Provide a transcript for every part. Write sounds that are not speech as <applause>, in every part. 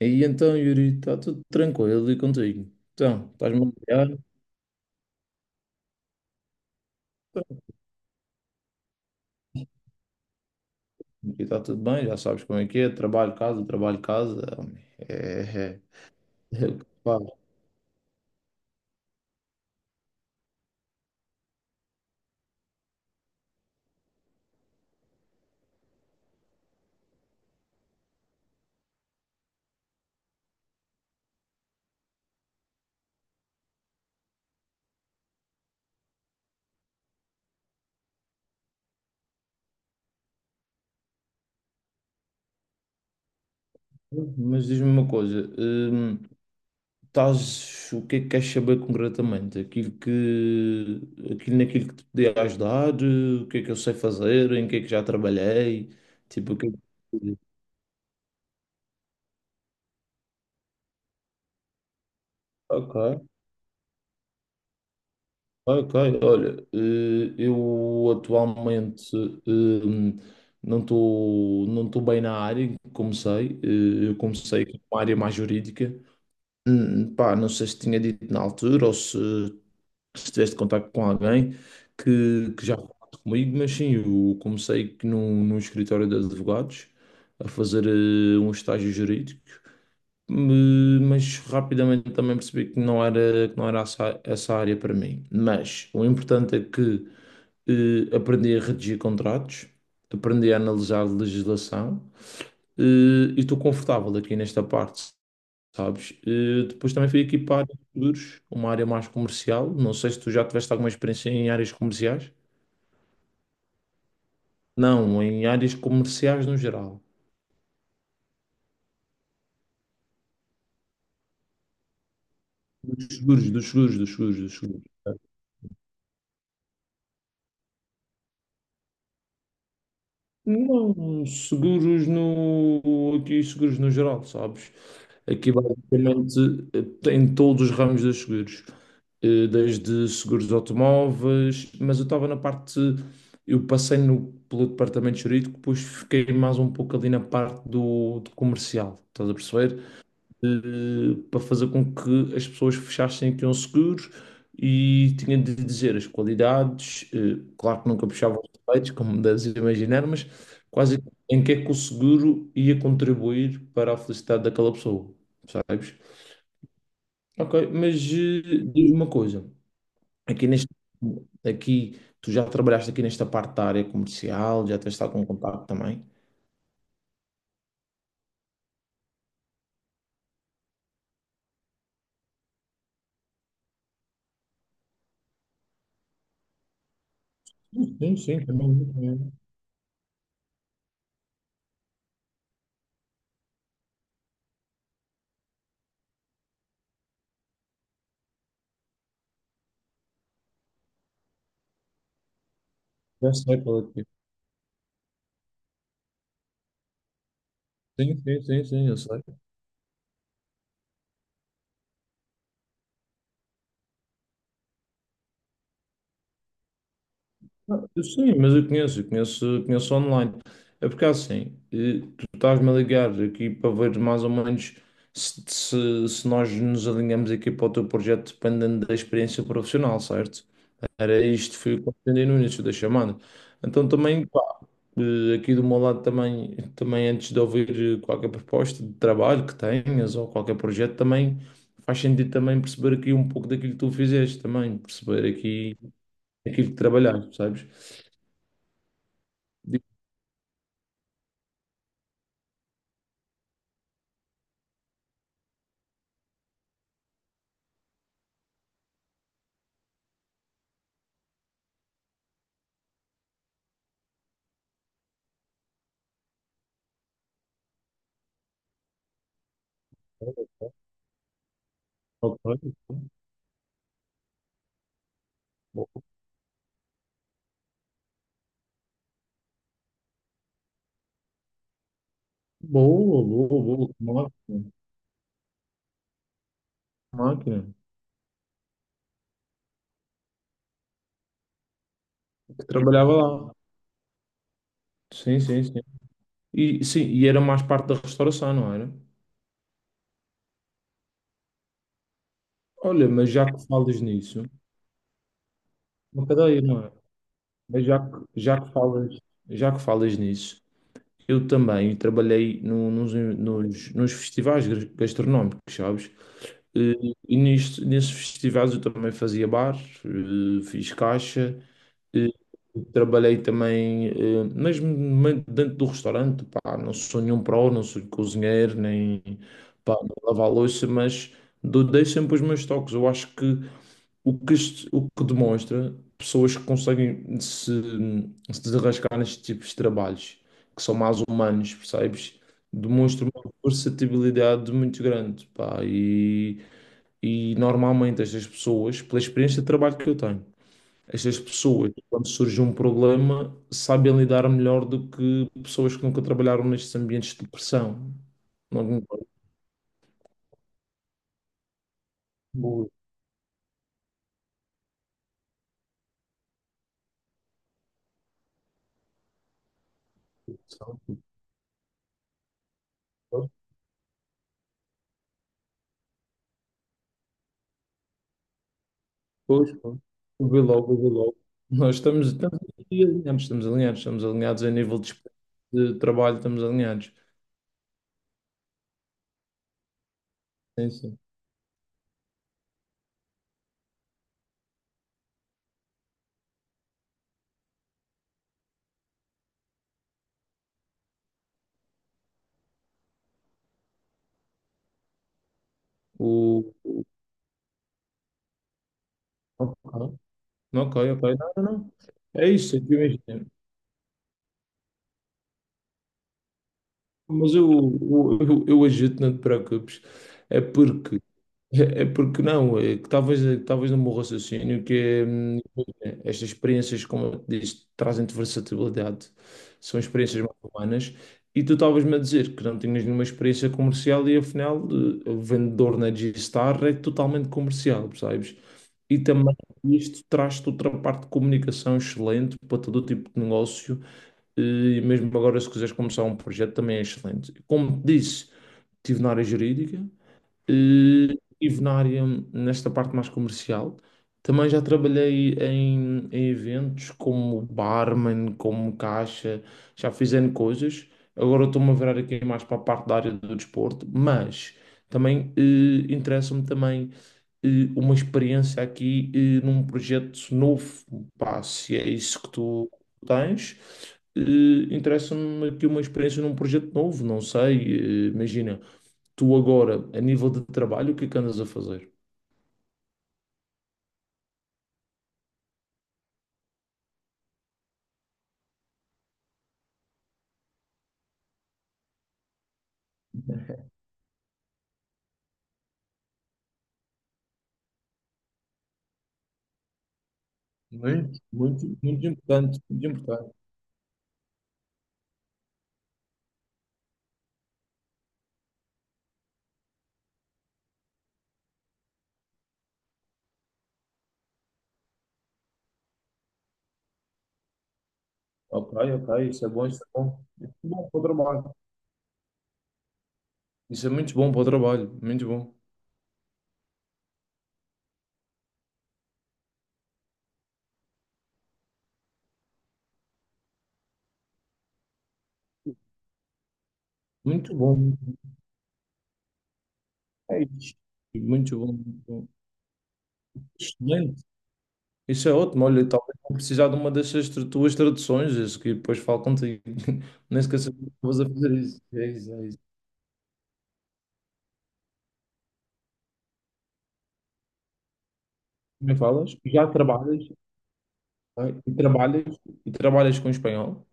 E então, Yuri, está tudo tranquilo e contigo? Então, estás-me a ligar? Aqui está tudo bem, já sabes como é que é, trabalho, casa, trabalho, casa. É, é, é o que faz. Mas diz-me uma coisa, estás, o que é que queres saber concretamente? Aquilo naquilo que te podia ajudar? O que é que eu sei fazer? Em que é que já trabalhei? Tipo, o que é que... Ok, Ok, olha, eu atualmente eh, não estou bem na área em que comecei. Eu comecei com uma área mais jurídica. Pá, não sei se tinha dito na altura ou se tiveste contacto com alguém que já falou comigo, mas sim, eu comecei num escritório de advogados a fazer um estágio jurídico. Mas rapidamente também percebi que que não era essa área para mim. Mas o importante é que aprendi a redigir contratos, aprendi a analisar legislação eh,, e estou confortável aqui nesta parte, sabes? Eh, depois também fui aqui para a área de seguros, uma área mais comercial. Não sei se tu já tiveste alguma experiência em áreas comerciais. Não, em áreas comerciais no geral. Dos seguros, dos seguros. Não, seguros no, aqui seguros no geral, sabes? Aqui basicamente em todos os ramos dos seguros. Eh, desde seguros de automóveis, mas eu estava na parte, eu passei no, pelo departamento jurídico, depois fiquei mais um pouco ali na parte do comercial, estás a perceber? Para fazer com que as pessoas fechassem que iam seguros e tinha de dizer as qualidades, eh, claro que nunca puxava os defeitos, como <laughs> deves imaginar, mas quase em que é que o seguro ia contribuir para a felicidade daquela pessoa, sabes? Ok, mas diz-me uma coisa, aqui neste, aqui, tu já trabalhaste aqui nesta parte da área comercial, já tens estado com contato também? Sim, sim, sim, também, também. Já sei qual é que é. Sim, sim, sim, sim, eu sei. Eu Sim, mas eu conheço online. É porque assim, eh, tu estás-me a ligar aqui para ver mais ou menos se nós nos alinhamos aqui para o teu projeto dependendo da experiência profissional, certo? Era isto, foi o que eu entendi no início da chamada. Então também, pá, aqui do meu lado também, também antes de ouvir qualquer proposta de trabalho que tenhas ou qualquer projeto, também faz sentido também perceber aqui um pouco daquilo que tu fizeste também, perceber aqui aquilo que trabalhaste, sabes? Alpine? Boa, boa, boa, boa. Máquina. Máquina. Eu trabalhava lá. Sim, sim, sim. E, sim, e era mais parte da restauração, não era? Olha, mas já que falas nisso, não peraí, não é? Mas já que, já que falas, já que falas nisso, eu também trabalhei nos festivais gastronómicos, sabes? E nisto, nesses festivais eu também fazia bar, fiz caixa. Eh, trabalhei também, dentro do restaurante, pá, não sou nenhum pró, não sou cozinheiro, nem pá, não lavo a louça, mas dei sempre os meus toques. Eu acho que o que demonstra pessoas que conseguem se, se desenrascar nestes tipos de trabalhos, que são mais humanos, percebes? Demonstra uma versatilidade muito grande, pá, e normalmente estas pessoas, pela experiência de trabalho que eu tenho. Estas pessoas, quando surge um problema, sabem lidar melhor do que pessoas que nunca trabalharam nestes ambientes de pressão. Não concordo. Boa, pressão. Pois, pois. Eu vi logo, eu vi logo. Estamos aqui alinhados, estamos alinhados, estamos alinhados a nível de trabalho, estamos alinhados. Sim, sim. O... Ok, ok, ok. Não, não, não. É isso, aqui mesmo. Mas eu ajudo, não te preocupes. É porque, é porque não, é que talvez no meu raciocínio que é, estas experiências, como eu te disse, trazem-te versatilidade, são experiências mais humanas, e tu estavas-me a dizer que não tinhas nenhuma experiência comercial e afinal o vendedor na G-Star é totalmente comercial, percebes? E também isto traz-te outra parte de comunicação excelente para todo tipo de negócio e mesmo agora, se quiseres começar um projeto, também é excelente. Como te disse, estive na área jurídica, eh, Estive na área, nesta parte mais comercial. Também já trabalhei em, em eventos como barman, como caixa, já fiz N coisas. Agora estou-me a virar aqui mais para a parte da área do desporto, mas também interessa-me também uma experiência num projeto novo. Pá, se é isso que tu tens, interessa-me aqui uma experiência num projeto novo, não sei, imagina tu agora, a nível de trabalho, o que é que andas a fazer? Muito, muito, muito importante, muito importante. Ok, ok, isso é bom, isso é bom. Isso é bom para o trabalho. Isso é muito bom para o trabalho, muito bom. Muito bom, muito bom. É isso. Muito bom, muito bom. Excelente. Isso é ótimo. Olha, talvez vou precisar de uma dessas tuas traduções, isso que depois falo contigo. <laughs> Nem esqueças que estavas a fazer isso. É isso, é isso. Me falas? Já trabalhas? Ok? E trabalhas? E trabalhas com espanhol?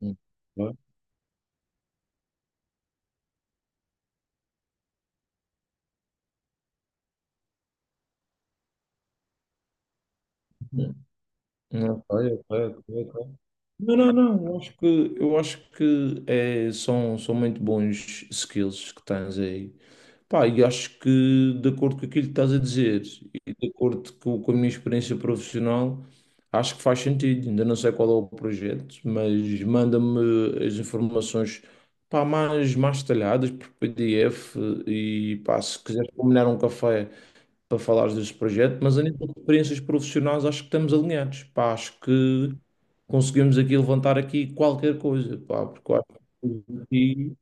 Hum. Ok. Ok, ok, ok, ok. Não, não, não, eu acho que são muito bons skills que tens aí. Pá, e acho que de acordo com aquilo que estás a dizer e de acordo com a minha experiência profissional, acho que faz sentido. Ainda não sei qual é o projeto, mas manda-me as informações pá, mais detalhadas por PDF e pá, se quiseres combinar um café para falares deste projeto, mas a nível de experiências profissionais acho que estamos alinhados. Pá, acho que conseguimos aqui levantar aqui qualquer coisa, pá, porque eu acho que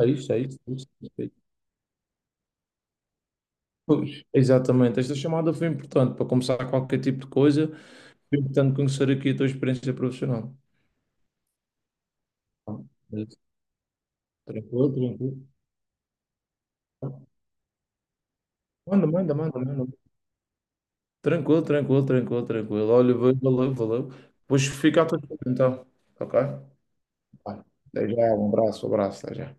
é isso, é isso, é isso. É isso. Pois, exatamente. Esta chamada foi importante para começar qualquer tipo de coisa. Foi importante conhecer aqui a tua experiência profissional. Pá, é isso. Tranquilo, tranquilo. Manda, manda, manda, manda. Tranquilo, tranquilo, tranquilo, tranquilo. Olha, valeu, valeu. Depois fica a tua então. Ok? Vai. Até já, um abraço, até já.